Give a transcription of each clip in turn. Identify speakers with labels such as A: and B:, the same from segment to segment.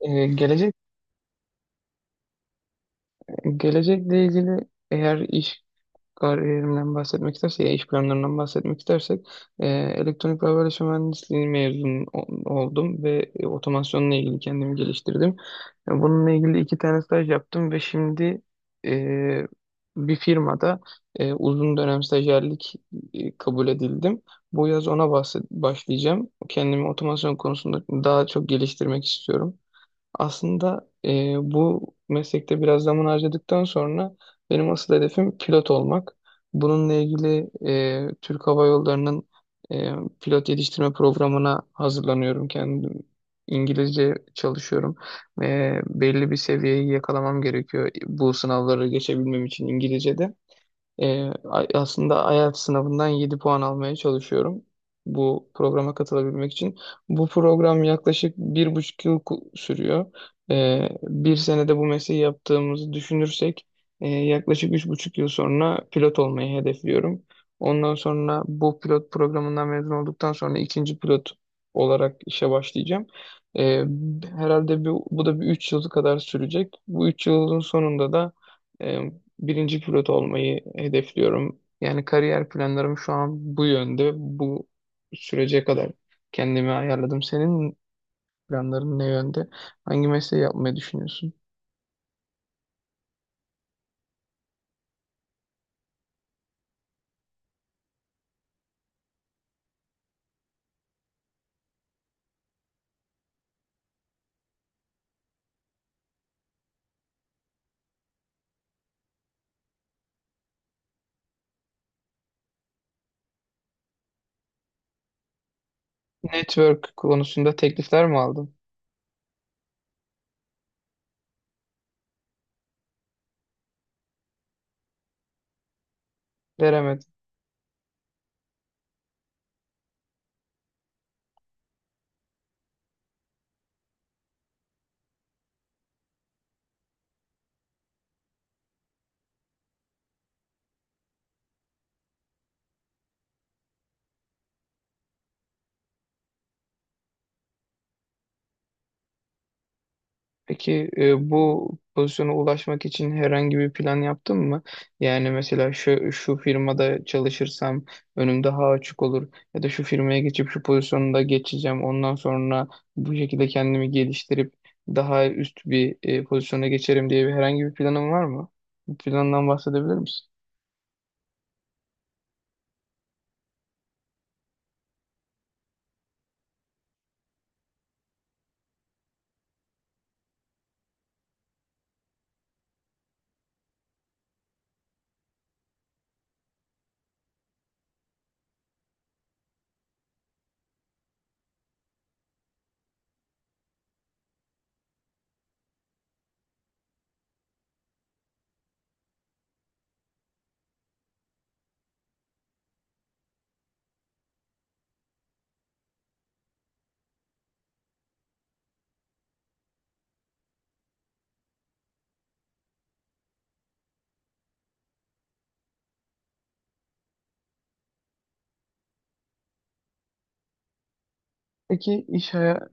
A: Ee, gelecek Gelecekle ilgili, eğer iş kariyerimden bahsetmek istersek, ya iş planlarından bahsetmek istersek, elektronik ve haberleşme mühendisliği mezun oldum ve otomasyonla ilgili kendimi geliştirdim. Bununla ilgili iki tane staj yaptım ve şimdi e, bir firmada uzun dönem stajyerlik kabul edildim. Bu yaz ona başlayacağım. Kendimi otomasyon konusunda daha çok geliştirmek istiyorum. Aslında bu meslekte biraz zaman harcadıktan sonra benim asıl hedefim pilot olmak. Bununla ilgili Türk Hava Yolları'nın e, pilot yetiştirme programına hazırlanıyorum kendim. İngilizce çalışıyorum. Belli bir seviyeyi yakalamam gerekiyor bu sınavları geçebilmem için İngilizce'de. Aslında IELTS sınavından 7 puan almaya çalışıyorum bu programa katılabilmek için. Bu program yaklaşık 1,5 yıl sürüyor. Bir senede bu mesleği yaptığımızı düşünürsek yaklaşık 3,5 yıl sonra pilot olmayı hedefliyorum. Ondan sonra bu pilot programından mezun olduktan sonra ikinci pilot olarak işe başlayacağım. Ee, Herhalde bu da bir 3 yıl kadar sürecek. Bu 3 yılın sonunda da birinci pilot olmayı hedefliyorum. Yani kariyer planlarım şu an bu yönde. Bu sürece kadar kendimi ayarladım. Senin planların ne yönde? Hangi mesleği yapmayı düşünüyorsun? Network konusunda teklifler mi aldın? Veremedin. Peki bu pozisyona ulaşmak için herhangi bir plan yaptın mı? Yani mesela şu firmada çalışırsam önüm daha açık olur ya da şu firmaya geçip şu pozisyonda geçeceğim. Ondan sonra bu şekilde kendimi geliştirip daha üst bir pozisyona geçerim diye bir herhangi bir planın var mı? Bu plandan bahsedebilir misin? Peki iş, haya-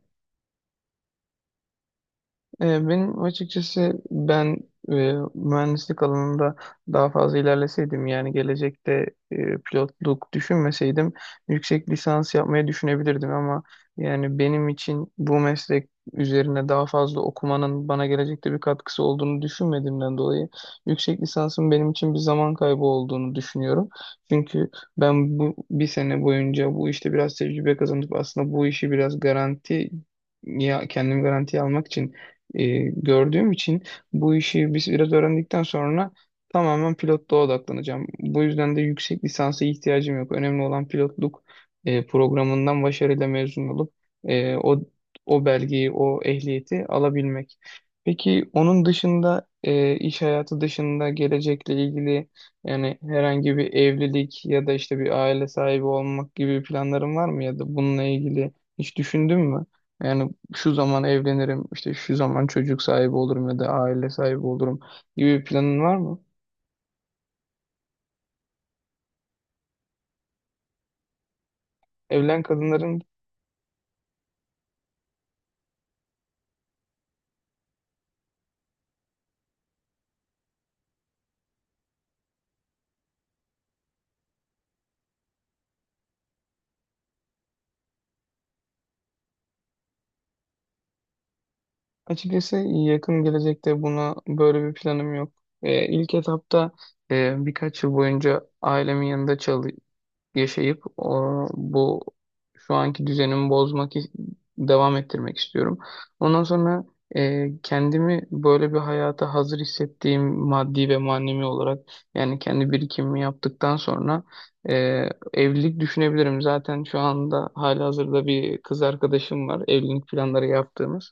A: Benim açıkçası ben mühendislik alanında daha fazla ilerleseydim, yani gelecekte pilotluk düşünmeseydim yüksek lisans yapmayı düşünebilirdim, ama yani benim için bu meslek üzerine daha fazla okumanın bana gelecekte bir katkısı olduğunu düşünmediğimden dolayı yüksek lisansın benim için bir zaman kaybı olduğunu düşünüyorum. Çünkü ben bu bir sene boyunca bu işte biraz tecrübe kazanıp aslında bu işi biraz garanti, ya kendim garantiye almak için gördüğüm için bu işi biz biraz öğrendikten sonra tamamen pilotluğa odaklanacağım. Bu yüzden de yüksek lisansa ihtiyacım yok. Önemli olan pilotluk programından başarıyla mezun olup e, o o belgeyi, o ehliyeti alabilmek. Peki onun dışında iş hayatı dışında gelecekle ilgili, yani herhangi bir evlilik ya da işte bir aile sahibi olmak gibi planların var mı ya da bununla ilgili hiç düşündün mü? Yani şu zaman evlenirim, işte şu zaman çocuk sahibi olurum ya da aile sahibi olurum gibi bir planın var mı? Evlen kadınların açıkçası yakın gelecekte buna böyle bir planım yok. İlk etapta birkaç yıl boyunca ailemin yanında yaşayıp bu şu anki düzenimi devam ettirmek istiyorum. Ondan sonra kendimi böyle bir hayata hazır hissettiğim, maddi ve manevi olarak yani kendi birikimimi yaptıktan sonra e, evlilik düşünebilirim. Zaten şu anda halihazırda bir kız arkadaşım var, evlilik planları yaptığımız.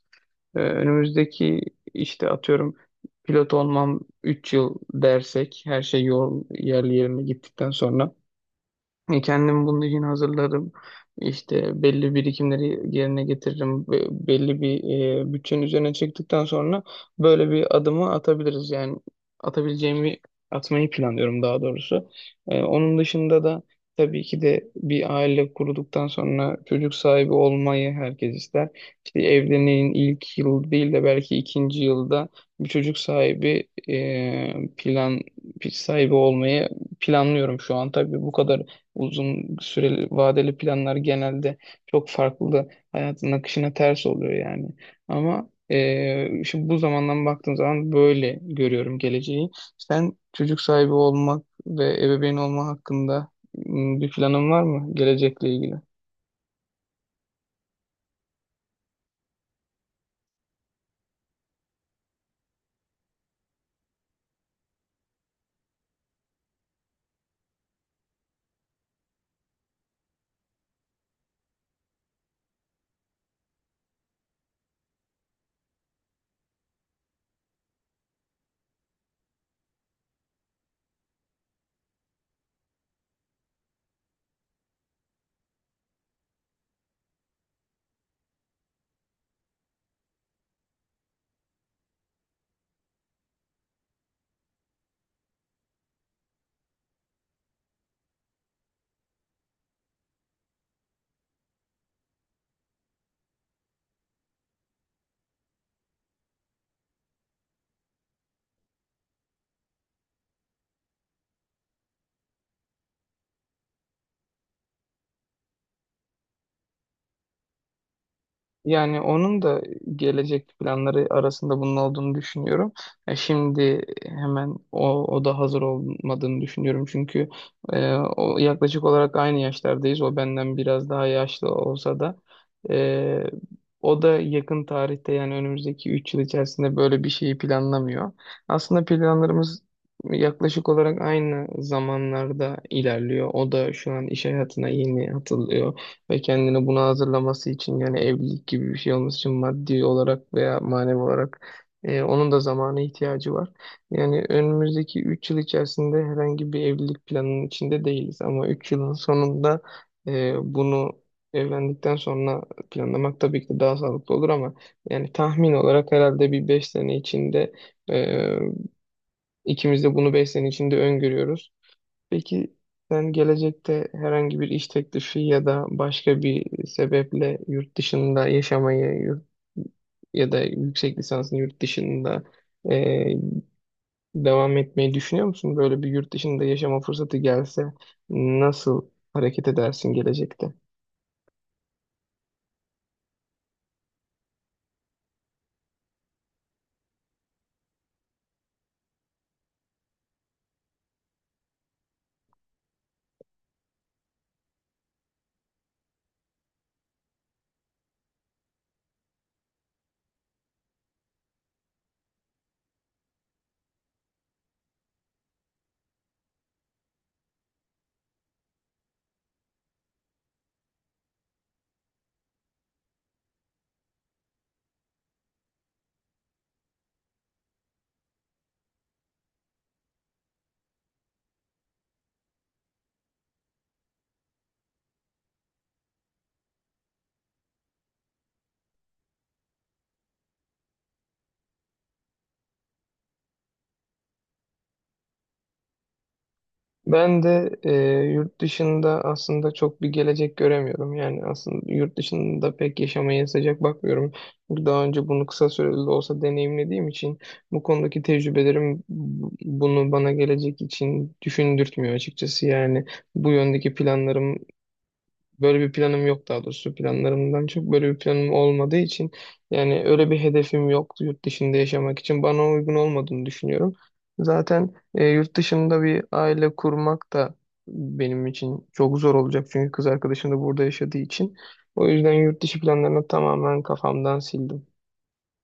A: Önümüzdeki, işte atıyorum, pilot olmam 3 yıl dersek, her şey yol yerli yerine gittikten sonra kendim bunun için hazırlarım. İşte belli birikimleri yerine getiririm. Belli bir bütçenin üzerine çıktıktan sonra böyle bir adımı atabiliriz. Yani atabileceğimi atmayı planlıyorum daha doğrusu. Onun dışında da tabii ki de bir aile kurduktan sonra çocuk sahibi olmayı herkes ister. İşte evliliğin ilk yıl değil de belki ikinci yılda bir çocuk sahibi plan sahibi olmayı planlıyorum şu an. Tabii bu kadar uzun süreli vadeli planlar genelde çok farklı hayatın akışına ters oluyor yani. Ama şimdi bu zamandan baktığım zaman böyle görüyorum geleceği. Sen çocuk sahibi olmak ve ebeveyn olma hakkında bir planın var mı gelecekle ilgili? Yani onun da gelecek planları arasında bunun olduğunu düşünüyorum. Ya şimdi hemen o da hazır olmadığını düşünüyorum. Çünkü o, yaklaşık olarak aynı yaşlardayız. O benden biraz daha yaşlı olsa da e, o da yakın tarihte, yani önümüzdeki 3 yıl içerisinde böyle bir şeyi planlamıyor. Aslında planlarımız yaklaşık olarak aynı zamanlarda ilerliyor. O da şu an iş hayatına yeni atılıyor ve kendini buna hazırlaması için, yani evlilik gibi bir şey olması için maddi olarak veya manevi olarak onun da zamana ihtiyacı var. Yani önümüzdeki 3 yıl içerisinde herhangi bir evlilik planının içinde değiliz, ama 3 yılın sonunda bunu evlendikten sonra planlamak tabii ki de daha sağlıklı olur, ama yani tahmin olarak herhalde bir 5 sene içinde e, ikimiz de bunu 5 sene içinde öngörüyoruz. Peki sen gelecekte herhangi bir iş teklifi ya da başka bir sebeple yurt dışında yaşamayı, ya da yüksek lisansını yurt dışında e, devam etmeyi düşünüyor musun? Böyle bir yurt dışında yaşama fırsatı gelse nasıl hareket edersin gelecekte? Ben de yurt dışında aslında çok bir gelecek göremiyorum. Yani aslında yurt dışında pek yaşamaya sıcak bakmıyorum. Çünkü daha önce bunu kısa süreli de olsa deneyimlediğim için bu konudaki tecrübelerim bunu bana gelecek için düşündürtmüyor açıkçası. Yani bu yöndeki planlarım, böyle bir planım yok daha doğrusu, planlarımdan çok böyle bir planım olmadığı için, yani öyle bir hedefim yok, yurt dışında yaşamak için bana uygun olmadığını düşünüyorum. Zaten yurt dışında bir aile kurmak da benim için çok zor olacak çünkü kız arkadaşım da burada yaşadığı için. O yüzden yurt dışı planlarını tamamen kafamdan sildim.